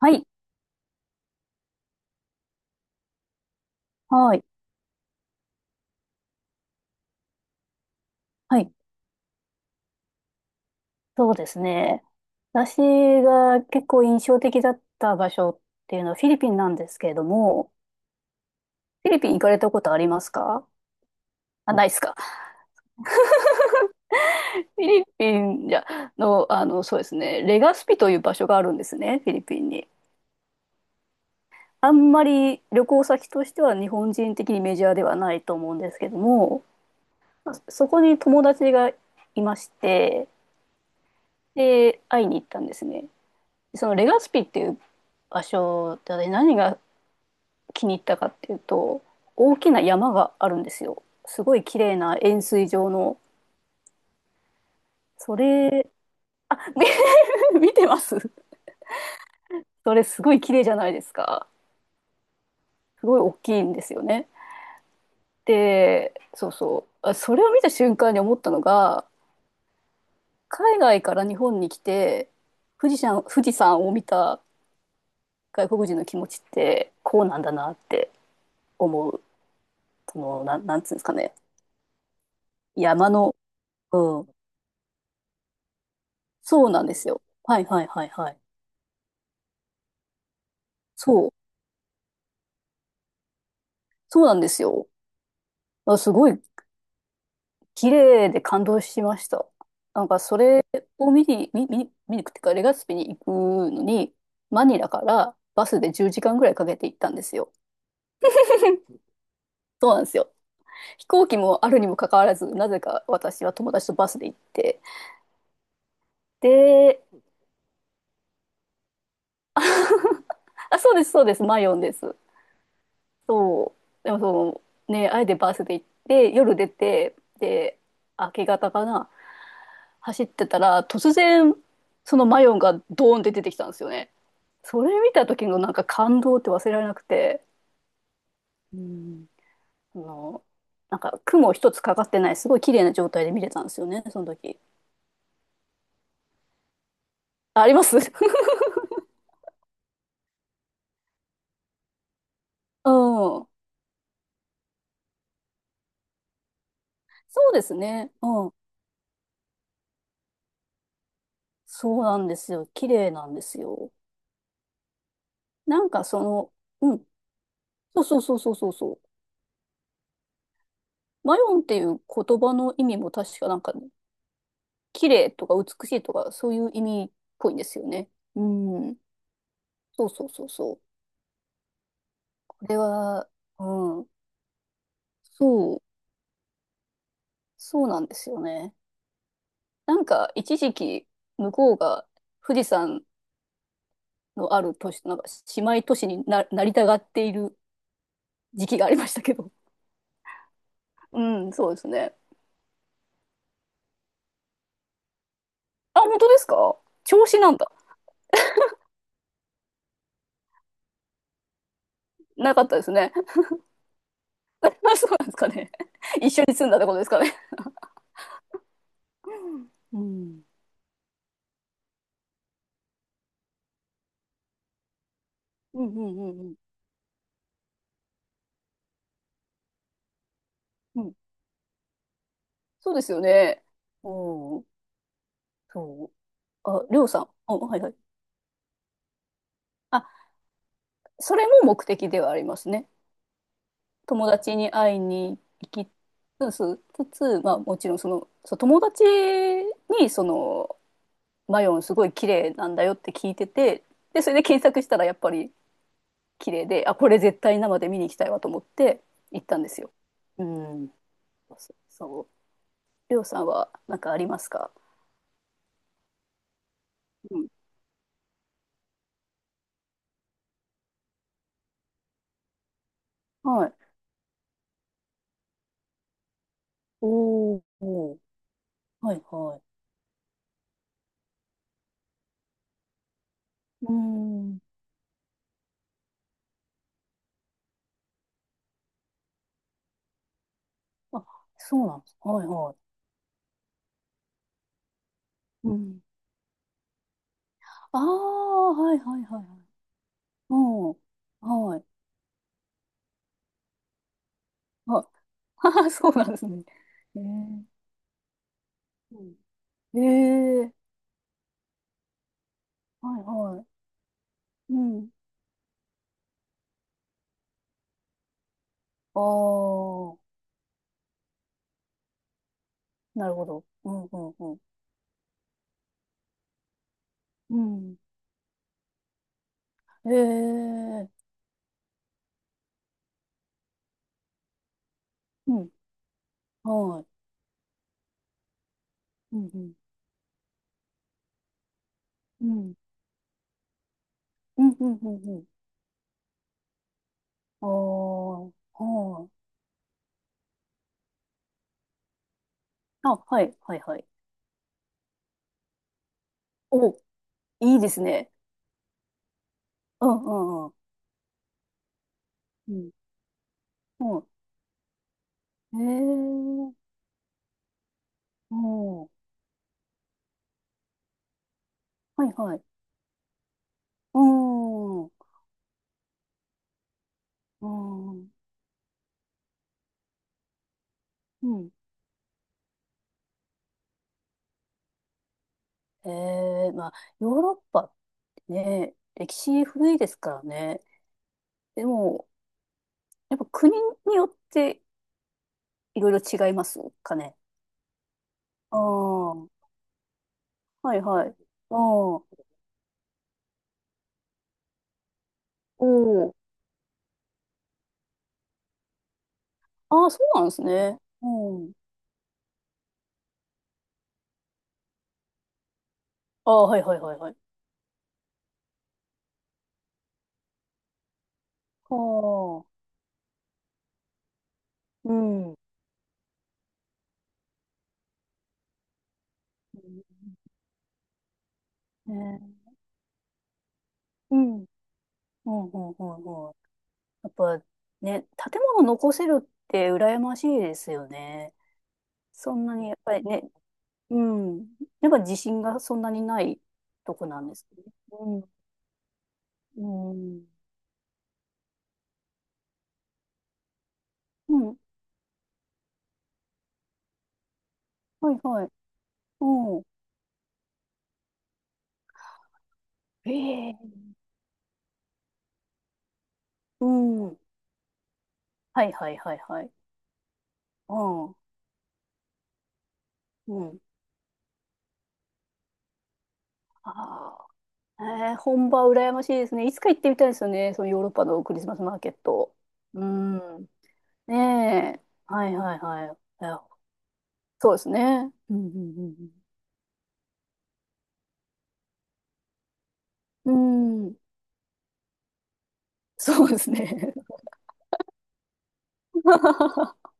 はい、はい、はい、そうですね。私が結構印象的だった場所っていうのはフィリピンなんですけれども、フィリピン行かれたことありますか？あ、ないですか。フィリピンじゃの、そうですね、レガスピという場所があるんですね、フィリピンに。あんまり旅行先としては日本人的にメジャーではないと思うんですけども、そこに友達がいまして、で、会いに行ったんですね。そのレガスピっていう場所で私何が気に入ったかっていうと、大きな山があるんですよ。すごい綺麗な円錐状の。それ 見てます。それすごい綺麗じゃないですか？すごい大きいんですよね。で、そうそう、それを見た瞬間に思ったのが、海外から日本に来て富士山を見た外国人の気持ちってこうなんだなって思う。そのなんつうんですかね、山の、うん、そうなんですよ。はいはいはいはい。そうそうなんですよ。あ、すごい綺麗で感動しました。なんかそれを見に、見に行くっていうか、レガスピに行くのに、マニラからバスで10時間ぐらいかけて行ったんですよ。そうなんですよ。飛行機もあるにもかかわらず、なぜか私は友達とバスで行って。で、あ、そうです、そうです、マヨンです。そう。でもその、ね、あえてバスで行って、夜出て、で、明け方かな、走ってたら、突然、そのマヨンがドーンって出てきたんですよね。それ見た時のなんか感動って忘れられなくて、うん、あの、なんか雲一つかかってない、すごい綺麗な状態で見れたんですよね、その時。あ、あります。 うん。そうですね。うん。そうなんですよ。綺麗なんですよ。なんかその、うん。そうそうそうそうそうそう。マヨンっていう言葉の意味も確かなんか、綺麗とか美しいとか、そういう意味っぽいんですよね。うん。そうそうそうそう。これは、うん。そう。そうなんですよね。なんか一時期向こうが富士山のある都市、なんか姉妹都市になりたがっている時期がありましたけど。うん、そうですね。あ、本当ですか？調子なんだ。なかったですね。あ、そうなんですかね。一緒に住んだってことですかね。うん。うんうんうんうん。うん。そうですよね。うん。そう。あ、りょうさん。あ、はいはい。あ、それも目的ではありますね。友達に会いに行きつつ、まあもちろんその、そう、友達にその、マヨンすごい綺麗なんだよって聞いてて、で、それで検索したらやっぱり綺麗で、あ、これ絶対生で見に行きたいわと思って行ったんですよ。うん。そう。そう、りょうさんはなんかありますか？うん。はい。おーおー、はいはい。うん。あ、そうなんです。はいはい。うん。ああ、はいはいはいはい。うん。はい。あ、あ、そうなんですね。えー、うん、えー、はいはい。うん。ああ、なるほど。うんうんうん。うん。えー、うん。はい。うんうん。うん。うんうんうんうん。ああ、はい。あ、はいはいはい。お、いいですね。うんうんうん。うん。うん。えー、うん。はいはい。うん。うん。うん。まあ、ヨーロッパっねえ、歴史古いですからね。でも、やっぱ国によっていろいろ違いますかね。ああ、はいはい。ああ、おお、ああ、そうなんですね。うん。ああ、はいはいはいはい。ああ、うん。ね、うん。うん、うん、うん、うん。やっぱね、建物残せるって羨ましいですよね。そんなにやっぱりね、うん。やっぱ自信がそんなにないとこなんですね。うん。うん。うん。はいはい。うん。ええ、うん。はいはいはいはい。うん。うん。ああ。ええ、本場羨ましいですね。いつか行ってみたいですよね。そのヨーロッパのクリスマスマーケット。うん。ねえ。はいはいはい。いや、そうですね。うんうんうんうん。そうですね。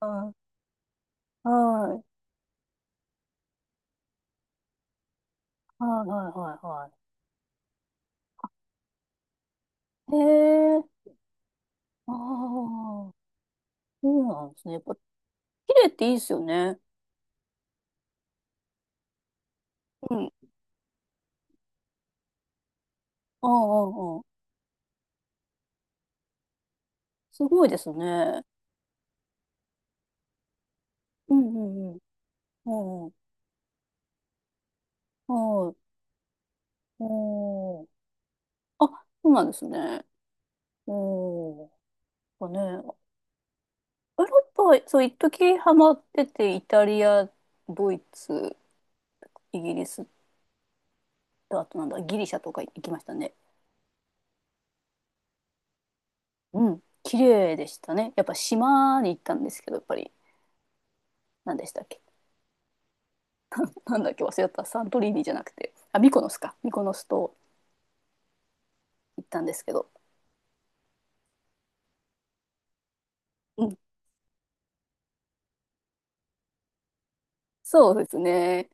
はい。はいはいはいはい。へえ。ああ。そうなんですね。やっぱ、綺麗っていいですよね。うん。あ、ああ、ああ。すごいですね。うんうんうん。うん。はい。おー。あ、そうなんですね。おー。なんかね、ヨーロッパ、そう、一時ハマってて、イタリア、ドイツ、イギリスと、あとなんだ、ギリシャとか行きましたね。うん。綺麗でしたね。やっぱ島に行ったんですけど、やっぱり、何でしたっけ？なんだっけ忘れた。サントリーニじゃなくて。あ、ミコノスか。ミコノスと行ったんですけど。うん。そうですね。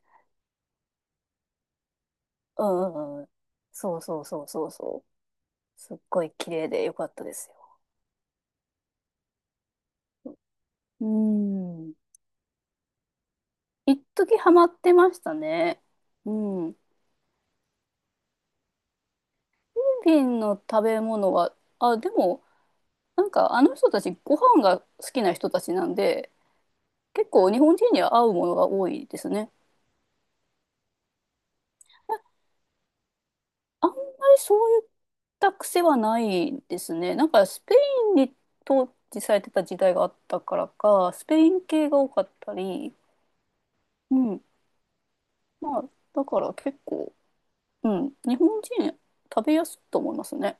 うんうんうん。そうそうそうそうそう。すっごい綺麗で良かったですよ。うん。一時ハマってましたね。うん。フィリピンの食べ物は、あ、でも、なんかあの人たちご飯が好きな人たちなんで、結構日本人には合うものが多いですね。あんまりそういった癖はないですね。なんかスペインに統治されてた時代があったからか、スペイン系が多かったり、うん。まあ、だから結構、うん。日本人食べやすいと思いますね。